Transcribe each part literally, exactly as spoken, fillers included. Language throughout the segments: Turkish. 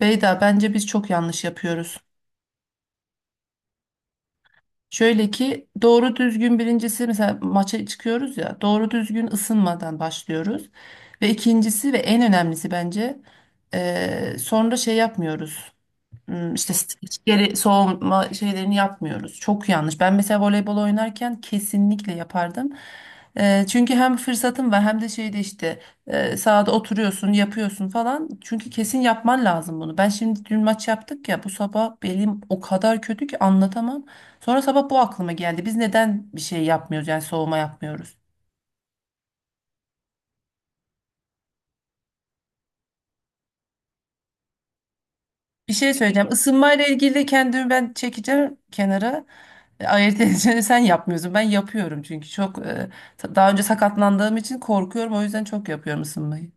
Beyda bence biz çok yanlış yapıyoruz. Şöyle ki doğru düzgün birincisi mesela maça çıkıyoruz ya doğru düzgün ısınmadan başlıyoruz. Ve ikincisi ve en önemlisi bence eee, sonra şey yapmıyoruz. Hmm, işte streç geri soğuma şeylerini yapmıyoruz. Çok yanlış. Ben mesela voleybol oynarken kesinlikle yapardım. Ee, çünkü hem fırsatım var hem de şeyde işte e, sahada oturuyorsun, yapıyorsun falan. Çünkü kesin yapman lazım bunu. Ben şimdi dün maç yaptık ya bu sabah belim o kadar kötü ki anlatamam. Sonra sabah bu aklıma geldi. Biz neden bir şey yapmıyoruz yani soğuma yapmıyoruz? Bir şey söyleyeceğim. Isınmayla ilgili de kendimi ben çekeceğim kenara. E, Ayırt edeceğini sen yapmıyorsun. Ben yapıyorum çünkü çok e, ta- daha önce sakatlandığım için korkuyorum. O yüzden çok yapıyorum ısınmayı.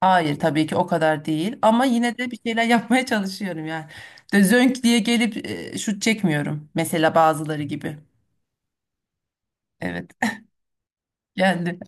Hayır, tabii ki o kadar değil ama yine de bir şeyler yapmaya çalışıyorum yani. De zönk diye gelip e, şut çekmiyorum. Mesela bazıları gibi. Evet. Geldi.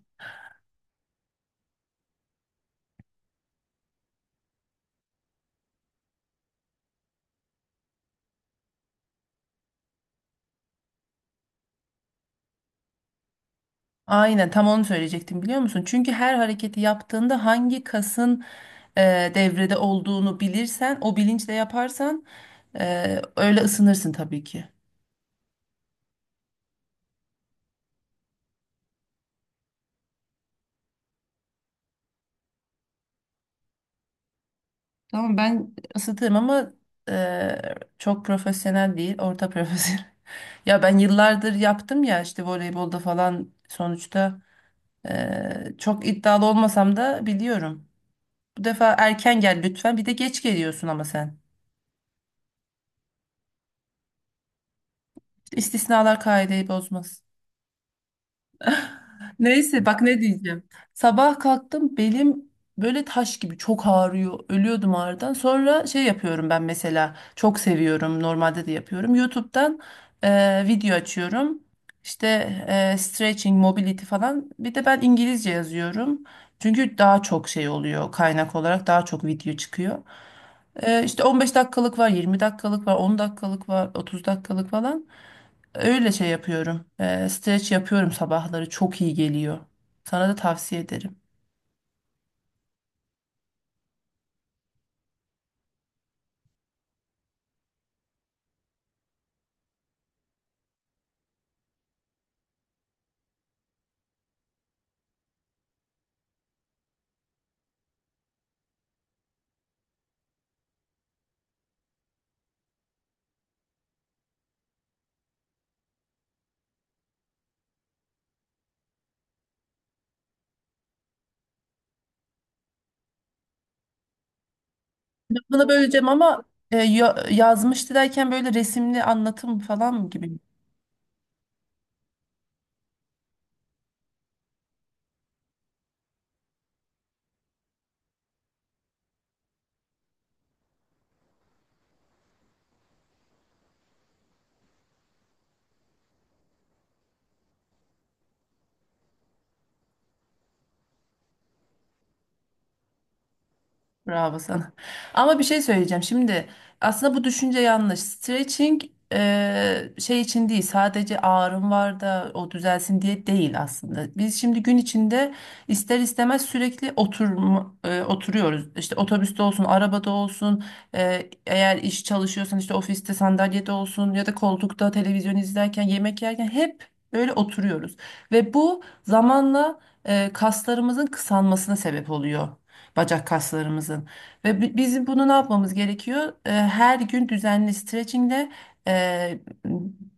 Aynen tam onu söyleyecektim, biliyor musun? Çünkü her hareketi yaptığında hangi kasın e, devrede olduğunu bilirsen, o bilinçle yaparsan e, öyle ısınırsın tabii ki. Tamam, ben Isıtırım ama e, çok profesyonel değil, orta profesyonel. Ya ben yıllardır yaptım ya, işte voleybolda falan sonuçta e, çok iddialı olmasam da biliyorum. Bu defa erken gel lütfen. Bir de geç geliyorsun ama sen. İstisnalar kaideyi bozmaz. Neyse, bak ne diyeceğim. Sabah kalktım, belim böyle taş gibi çok ağrıyor. Ölüyordum ağrıdan. Sonra şey yapıyorum ben mesela. Çok seviyorum. Normalde de yapıyorum. YouTube'dan e, video açıyorum. İşte e, stretching, mobility falan. Bir de ben İngilizce yazıyorum. Çünkü daha çok şey oluyor, kaynak olarak daha çok video çıkıyor. E, işte on beş dakikalık var, yirmi dakikalık var, on dakikalık var, otuz dakikalık falan. Öyle şey yapıyorum. Ee, streç yapıyorum sabahları. Çok iyi geliyor. Sana da tavsiye ederim. Lafını böleceğim ama e, ya- yazmıştı derken böyle resimli anlatım falan mı gibi? Bravo sana. Ama bir şey söyleyeceğim. Şimdi aslında bu düşünce yanlış. Stretching eee, şey için değil. Sadece ağrım var da o düzelsin diye değil aslında. Biz şimdi gün içinde ister istemez sürekli oturma, eee, oturuyoruz. İşte otobüste olsun, arabada olsun, eee, eğer iş çalışıyorsan işte ofiste sandalyede olsun ya da koltukta televizyon izlerken, yemek yerken hep böyle oturuyoruz. Ve bu zamanla eee, kaslarımızın kısalmasına sebep oluyor, bacak kaslarımızın. Ve bi- bizim bunu ne yapmamız gerekiyor? Ee, Her gün düzenli stretchingle e,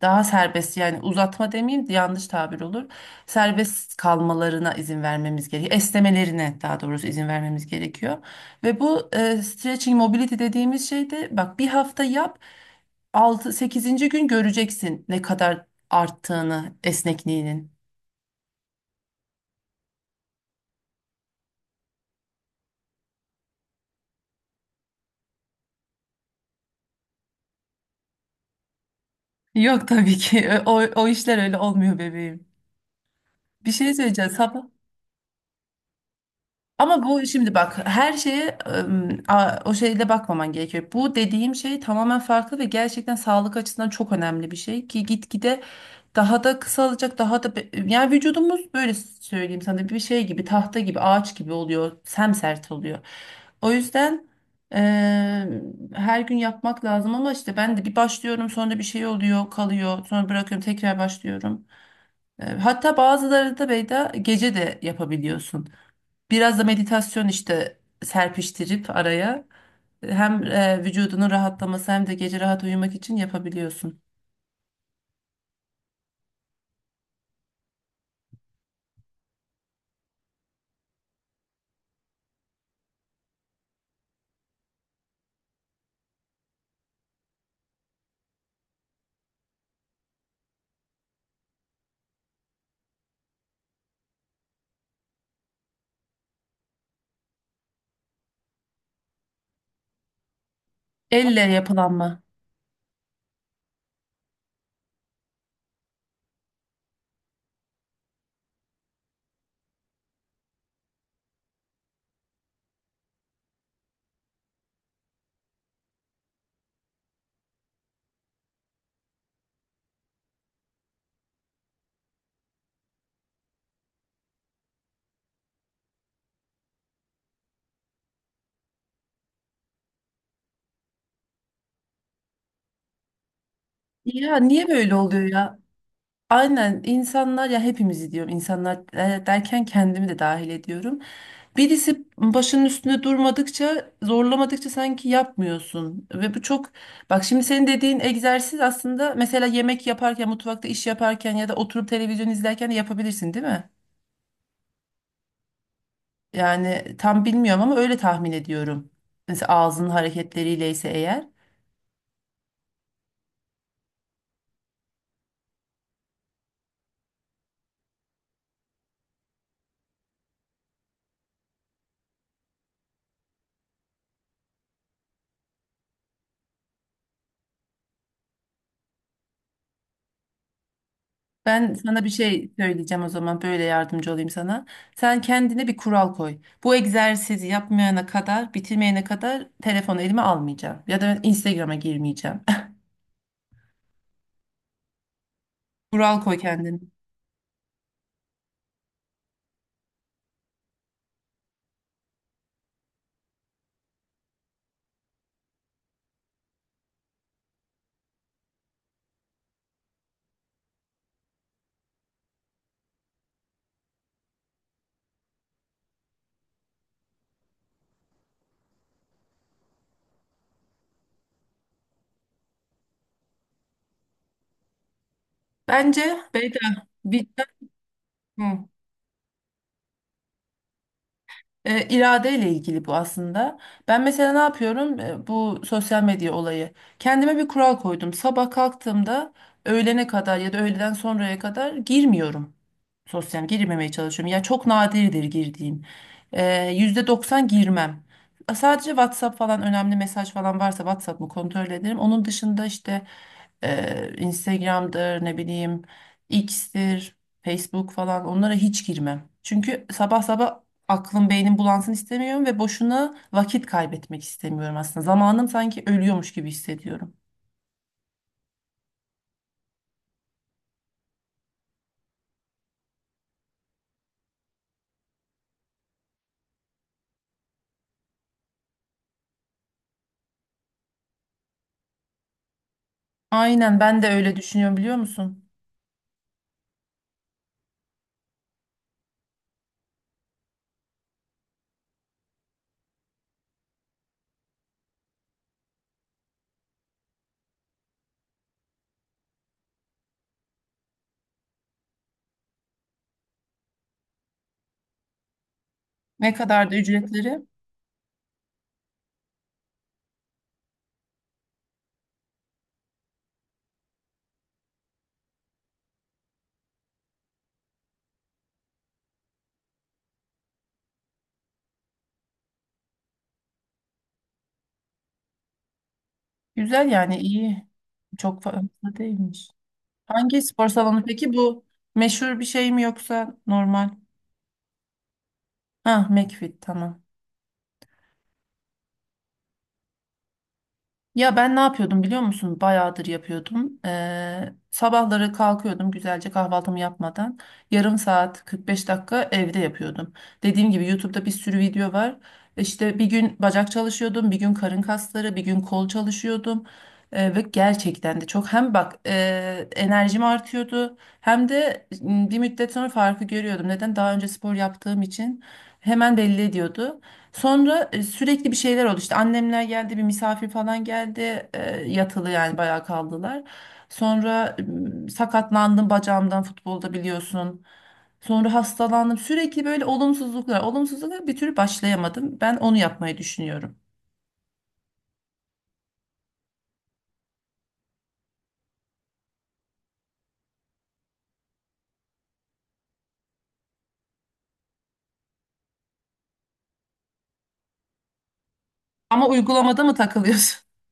daha serbest, yani uzatma demeyeyim, yanlış tabir olur. Serbest kalmalarına izin vermemiz gerekiyor. Esnemelerine, daha doğrusu izin vermemiz gerekiyor. Ve bu e, stretching mobility dediğimiz şey de bak, bir hafta yap, altı sekizinci gün göreceksin ne kadar arttığını esnekliğinin. Yok tabii ki, o, o işler öyle olmuyor bebeğim. Bir şey söyleyeceğim. Sabah. Ama bu şimdi bak, her şeye ım, a- o şeyle bakmaman gerekiyor. Bu dediğim şey tamamen farklı ve gerçekten sağlık açısından çok önemli bir şey ki gitgide daha da kısalacak, daha da be- yani vücudumuz, böyle söyleyeyim sana, bir şey gibi, tahta gibi, ağaç gibi oluyor, semsert oluyor. O yüzden eee, her gün yapmak lazım ama işte ben de bir başlıyorum, sonra bir şey oluyor, kalıyor, sonra bırakıyorum, tekrar başlıyorum. Eee, Hatta bazıları da, Beyda, gece de yapabiliyorsun. Biraz da meditasyon işte serpiştirip araya, hem e, vücudunun rahatlaması hem de gece rahat uyumak için yapabiliyorsun. Elle yapılanma. Ya niye böyle oluyor ya? Aynen, insanlar ya, hepimizi diyorum, insanlar e, derken kendimi de dahil ediyorum. Birisi başının üstünde durmadıkça, zorlamadıkça sanki yapmıyorsun. Ve bu çok bak şimdi, senin dediğin egzersiz aslında mesela yemek yaparken, mutfakta iş yaparken ya da oturup televizyon izlerken de yapabilirsin, değil mi? Yani tam bilmiyorum ama öyle tahmin ediyorum. Mesela ağzının hareketleriyle ise eğer. Ben sana bir şey söyleyeceğim o zaman, böyle yardımcı olayım sana. Sen kendine bir kural koy. Bu egzersizi yapmayana kadar, bitirmeyene kadar telefonu elime almayacağım. Ya da Instagram'a girmeyeceğim. Kural koy kendine. Bence Beyda vicdan. Hı. E, iradeyle ilgili bu aslında. Ben mesela ne yapıyorum? E, bu sosyal medya olayı. Kendime bir kural koydum. Sabah kalktığımda öğlene kadar ya da öğleden sonraya kadar girmiyorum. Sosyal, yani girmemeye çalışıyorum. Ya çok nadirdir girdiğim. E, yüzde doksan girmem. Sadece WhatsApp falan, önemli mesaj falan varsa WhatsApp'ımı kontrol ederim. Onun dışında işte ee, Instagram'dır, ne bileyim, X'tir, Facebook falan, onlara hiç girmem. Çünkü sabah sabah aklım, beynim bulansın istemiyorum ve boşuna vakit kaybetmek istemiyorum aslında. Zamanım sanki ölüyormuş gibi hissediyorum. Aynen, ben de öyle düşünüyorum, biliyor musun? Ne kadar da ücretleri? Güzel, yani iyi. Çok fazla değilmiş. Hangi spor salonu peki bu? Meşhur bir şey mi yoksa normal? Ha, McFit, tamam. Ya ben ne yapıyordum biliyor musun? Bayağıdır yapıyordum. Ee, sabahları kalkıyordum güzelce, kahvaltımı yapmadan. Yarım saat, kırk beş dakika evde yapıyordum. Dediğim gibi YouTube'da bir sürü video var. İşte bir gün bacak çalışıyordum, bir gün karın kasları, bir gün kol çalışıyordum. Ee, ve gerçekten de çok, hem bak e, enerjim artıyordu hem de m, bir müddet sonra farkı görüyordum. Neden? Daha önce spor yaptığım için hemen belli ediyordu. Sonra e, sürekli bir şeyler oldu. İşte annemler geldi, bir misafir falan geldi. E, yatılı yani bayağı kaldılar. Sonra m, sakatlandım bacağımdan, futbolda biliyorsun. Sonra hastalandım. Sürekli böyle olumsuzluklar, olumsuzluklar, bir türlü başlayamadım. Ben onu yapmayı düşünüyorum. Ama uygulamada mı takılıyorsun?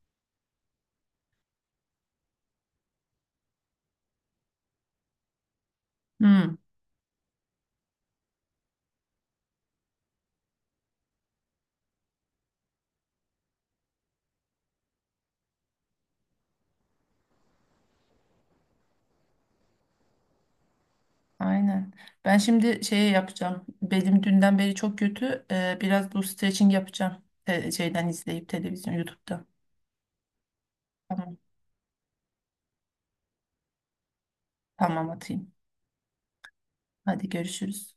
Hmm, aynen. Ben şimdi şey yapacağım. Belim dünden beri çok kötü. E, biraz bu stretching yapacağım. Te- şeyden izleyip, televizyon, YouTube'da. Tamam, tamam atayım. Hadi görüşürüz.